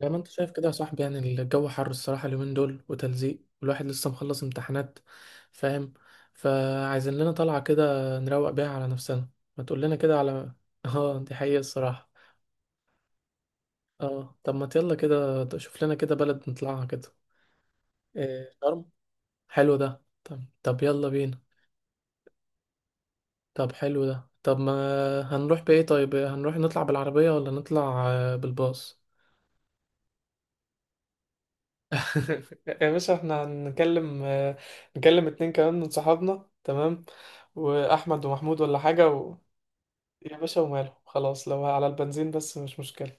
زي ما انت شايف كده يا صاحبي، يعني الجو حر الصراحة اليومين دول وتلزيق، والواحد لسه مخلص امتحانات. فاهم. فعايزين لنا طلعة كده نروق بيها على نفسنا. ما تقول لنا كده على اه دي حقيقة الصراحة. اه طب ما يلا كده شوف لنا كده بلد نطلعها كده. إيه شرم؟ حلو ده. طب طب يلا بينا. طب حلو ده. طب ما هنروح بإيه؟ طيب هنروح نطلع بالعربية ولا نطلع بالباص؟ يا باشا احنا هنكلم نكلم اتنين كمان من صحابنا، تمام، واحمد ومحمود ولا حاجة و... يا باشا وماله خلاص، لو على البنزين بس مش مشكلة.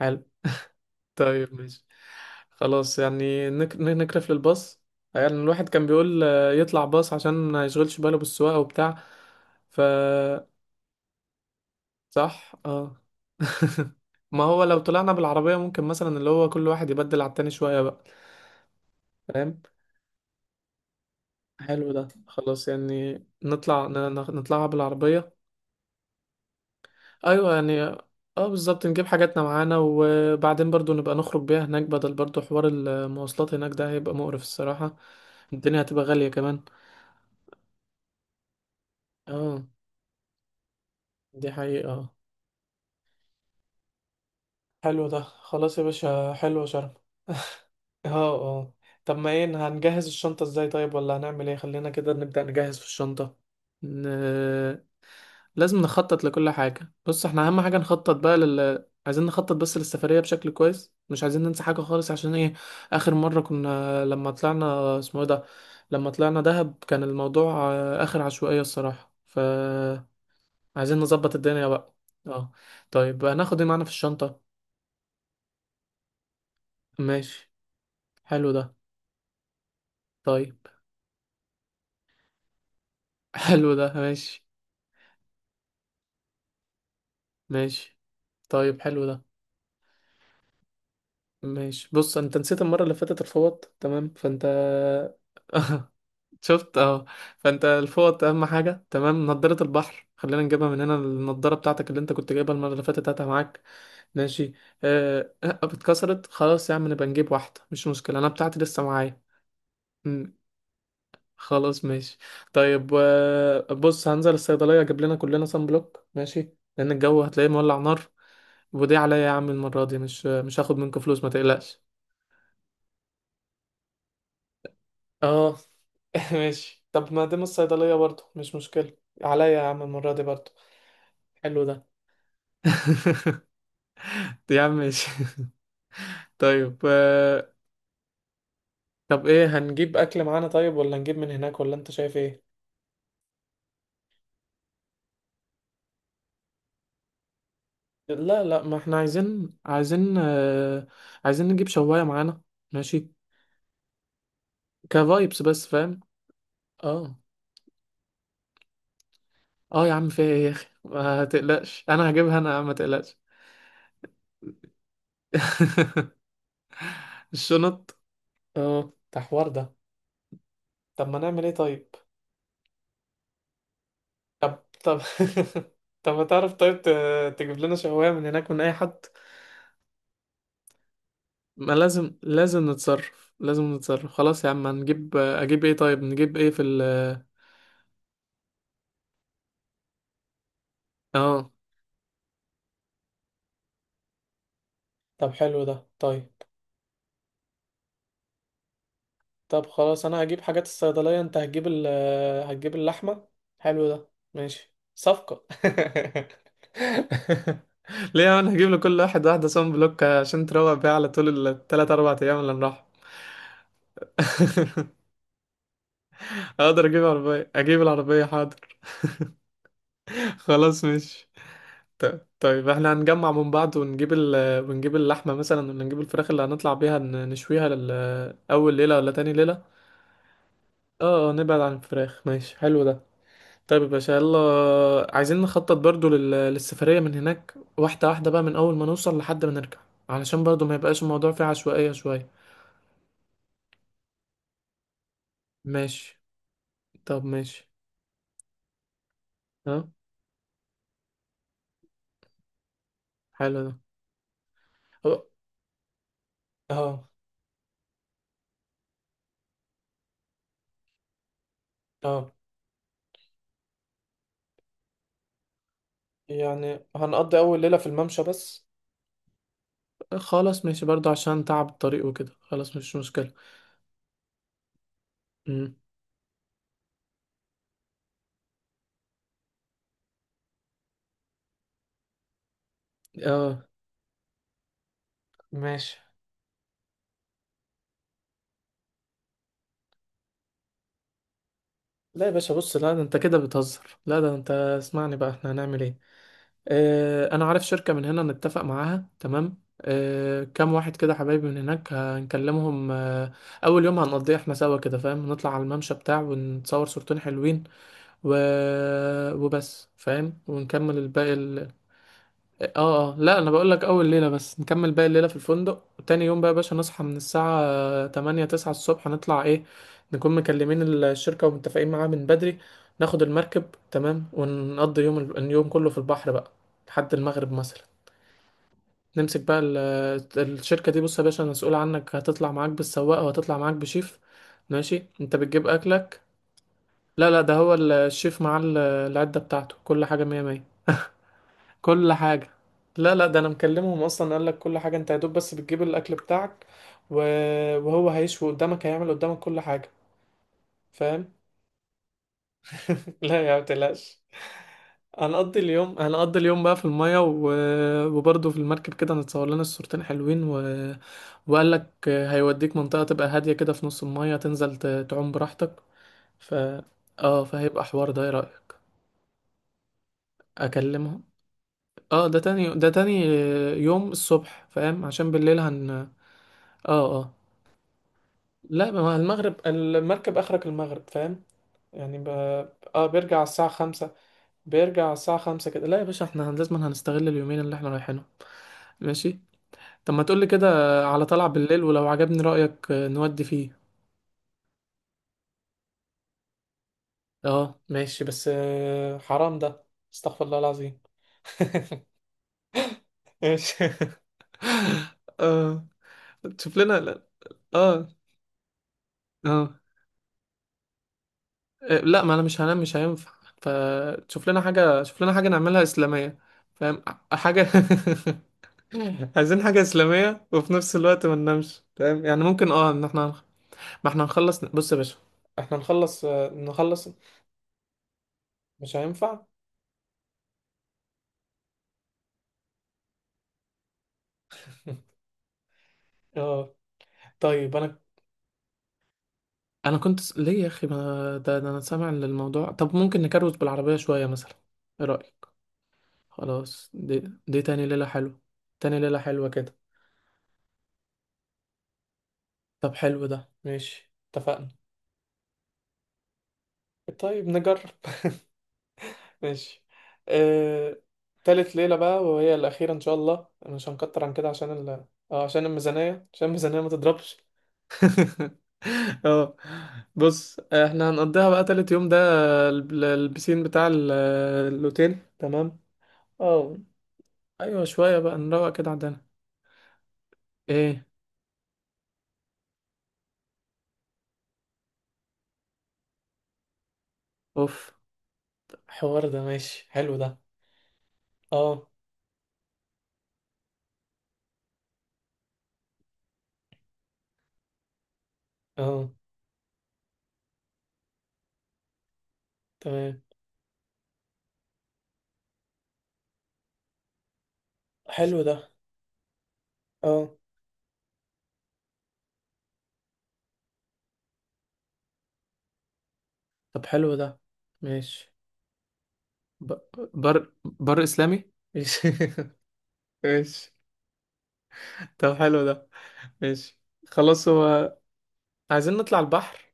حلو. طيب ماشي. خلاص يعني نكرف للباص. يعني الواحد كان بيقول يطلع باص عشان ما يشغلش باله بالسواقة وبتاع. ف صح اه. ما هو لو طلعنا بالعربية ممكن مثلا اللي هو كل واحد يبدل على التاني شوية بقى. حلو ده خلاص يعني نطلع نطلعها بالعربية. أيوة يعني. اه بالظبط، نجيب حاجاتنا معانا، وبعدين برضو نبقى نخرج بيها هناك، بدل برضو حوار المواصلات هناك ده هيبقى مقرف الصراحة. الدنيا هتبقى غالية كمان. اه دي حقيقة. حلو ده خلاص يا باشا، حلو شرم. اه اه. طب ما ايه، هنجهز الشنطة ازاي طيب، ولا هنعمل ايه؟ خلينا كده نبدأ نجهز في الشنطة. ن... لازم نخطط لكل حاجة. بص احنا أهم حاجة نخطط بقى لل عايزين نخطط بس للسفرية بشكل كويس، مش عايزين ننسى حاجة خالص، عشان ايه؟ آخر مرة كنا لما طلعنا اسمه ايه ده، لما طلعنا دهب، كان الموضوع آخر عشوائية الصراحة. عايزين نظبط الدنيا بقى. اه. طيب هناخد ايه معانا في الشنطة؟ ماشي. حلو ده. طيب. حلو ده ماشي. ماشي. طيب حلو ده. ماشي. بص انت نسيت المرة اللي فاتت الفوط، تمام، فانت شفت؟ اه. فانت الفوط اهم حاجه، تمام. نضاره البحر، خلينا نجيبها من هنا. النضاره بتاعتك اللي انت كنت جايبها المره اللي فاتت هاتها معاك. ماشي. آه، اتكسرت؟ خلاص يا عم نبقى نجيب واحده، مش مشكله، انا بتاعتي لسه معايا. مم، خلاص ماشي. طيب بص هنزل الصيدليه اجيب لنا كلنا صن بلوك، ماشي؟ لان الجو هتلاقيه مولع نار. ودي عليا يا عم، المره دي مش هاخد منكم فلوس، ما تقلقش. اه. ماشي. طب ما دام الصيدليه برضه مش مشكله، عليا يا عم المره دي برضه. حلو ده. يا عم ماشي. طيب. طب ايه، هنجيب اكل معانا طيب ولا هنجيب من هناك، ولا انت شايف ايه؟ لا لا، ما احنا عايزين عايزين نجيب شواية معانا. ماشي. كفايبس بس، فاهم. اه اه. يا عم في ايه يا اخي، ما تقلقش، انا هجيبها انا يا عم، ما تقلقش. الشنط. اه ده حوار ده. طب ما نعمل ايه طيب؟ طب طب. طب ما تعرف طيب، تجيب لنا شواية من هناك من اي حد. ما لازم لازم نتصرف، لازم نتصرف، خلاص يا عم هنجيب. اجيب ايه طيب، نجيب ايه في ال... اه. طب حلو ده طيب. طب خلاص انا هجيب حاجات الصيدلية، انت هتجيب ال... هتجيب اللحمة. حلو ده. ماشي. صفقة. ليه، انا هجيب لكل واحد واحدة صن بلوك عشان تروق بيها على طول، التلات اربع ايام اللي نروح. اقدر اجيب عربية، اجيب العربية حاضر. خلاص ماشي. طيب احنا هنجمع من بعض ونجيب ال... ونجيب اللحمة مثلا ولا نجيب الفراخ اللي هنطلع بيها نشويها لل... أول ليلة ولا تاني ليلة؟ اه اه، نبعد عن الفراخ. ماشي حلو ده. طيب يا باشا يلا، عايزين نخطط برضو لل... للسفرية من هناك، واحدة واحدة بقى، من أول ما نوصل لحد ما نرجع، علشان برضو ما يبقاش الموضوع فيه عشوائية شوية. ماشي. طب ماشي. ها. حلو ده. أو- اه اه. يعني هنقضي أول ليلة في الممشى بس؟ خلاص ماشي، برضو عشان تعب الطريق وكده، خلاص مش مشكلة. امم اه ماشي. لا يا باشا، بص لا، ده انت كده بتهزر، لا ده انت اسمعني بقى، احنا هنعمل ايه. اه انا عارف شركة من هنا نتفق معاها تمام، اه كام واحد كده حبايبي من هناك هنكلمهم اه. اول يوم هنقضيه احنا سوا كده، فاهم، نطلع على الممشى بتاع ونتصور صورتين حلوين و... وبس فاهم، ونكمل الباقي. اه لا انا بقول لك اول ليله بس، نكمل باقي الليله في الفندق، وتاني يوم بقى يا باشا نصحى من الساعه 8 9 الصبح نطلع ايه، نكون مكلمين الشركه ومتفقين معاها من بدري. ناخد المركب، تمام، ونقضي يوم اليوم كله في البحر بقى، لحد المغرب مثلا. نمسك بقى الشركه دي. بص يا باشا، مسؤول عنك، هتطلع معاك بالسواق وهتطلع معاك بشيف. ماشي. انت بتجيب اكلك. لا لا، ده هو الشيف معاه العده بتاعته كل حاجه مية مية. كل حاجة. لا لا، ده انا مكلمهم اصلا، قال لك كل حاجة، انت يا دوب بس بتجيب الاكل بتاعك و... وهو هيشوي قدامك، هيعمل قدامك كل حاجة. فاهم. لا يا، ما تقلقش. هنقضي اليوم بقى في المية و... وبرضه في المركب كده هنتصور لنا الصورتين حلوين و... وقال لك هيوديك منطقة تبقى هادية كده في نص المية تنزل تعوم براحتك. ف اه فهيبقى حوار ده، ايه رأيك؟ اكلمهم. اه ده تاني يوم الصبح فاهم، عشان بالليل اه اه. لا ما هو المغرب المركب اخرك المغرب فاهم، يعني اه بيرجع على الساعة خمسة. كده. لا يا باشا، احنا لازم هنستغل اليومين اللي احنا رايحينهم. ماشي. طب ما تقولي كده، على طلعة بالليل، ولو عجبني رأيك نودي فيه. اه ماشي بس حرام ده، استغفر الله العظيم. ماشي. اه. تشوف لنا لا. اه. اه لا ما انا مش هنام، مش هينفع. فتشوف لنا حاجة، شوف لنا حاجة نعملها إسلامية، فاهم. حاجة. عايزين حاجة إسلامية وفي نفس الوقت ما ننامش، فاهم، يعني ممكن اه ان احنا ما احنا نخلص. بص يا باشا، احنا نخلص نخلص. مش هينفع. اه. طيب انا، انا كنت ليه يا اخي، ما ده, ده انا سامع للموضوع، طب ممكن نكروت بالعربية شوية مثلا، ايه رأيك؟ خلاص دي تاني ليلة حلوة. تاني ليلة حلوة كده. طب حلو ده ماشي اتفقنا. طيب نجرب. ماشي. آه... تالت ليلة بقى، وهي الأخيرة إن شاء الله، مش هنكتر عن كده عشان ال... آه عشان الميزانية، عشان الميزانية ما تضربش. اه. بص احنا هنقضيها بقى تالت يوم ده، البسين بتاع الأوتيل تمام. اه. أيوة شوية بقى نروق كده عندنا. ايه؟ اوف، حوار ده. ماشي حلو ده. اه اه. تمام. حلو ده. اه طب حلو ده ماشي. ب... بر بر اسلامي ماشي. ماشي. طب حلو ده. ماشي. خلاص هو. عايزين نطلع البحر،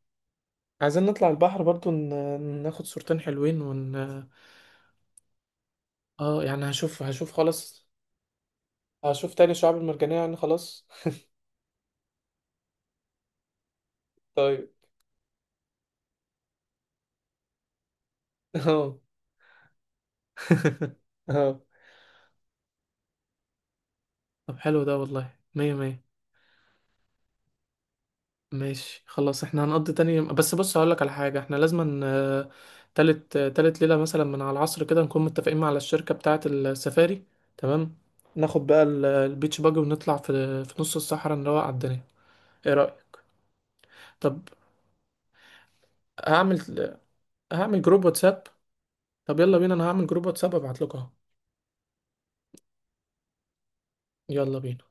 برضو ناخد صورتين حلوين ون... اه يعني هشوف خلاص. هشوف تاني الشعاب المرجانية يعني خلاص. طيب. اه. اه طب حلو ده والله مية مية. ماشي خلاص احنا هنقضي تاني يوم بس. بص هقولك على حاجة، احنا لازم تالت تالت ليلة مثلا من على العصر كده نكون متفقين مع الشركة بتاعة السفاري تمام. ناخد بقى البيتش باجي ونطلع في في نص الصحراء نروق على الدنيا. ايه رأيك؟ طب هعمل هعمل جروب واتساب. طب يلا بينا، انا هعمل جروب واتساب ابعت لكم اهو. يلا بينا.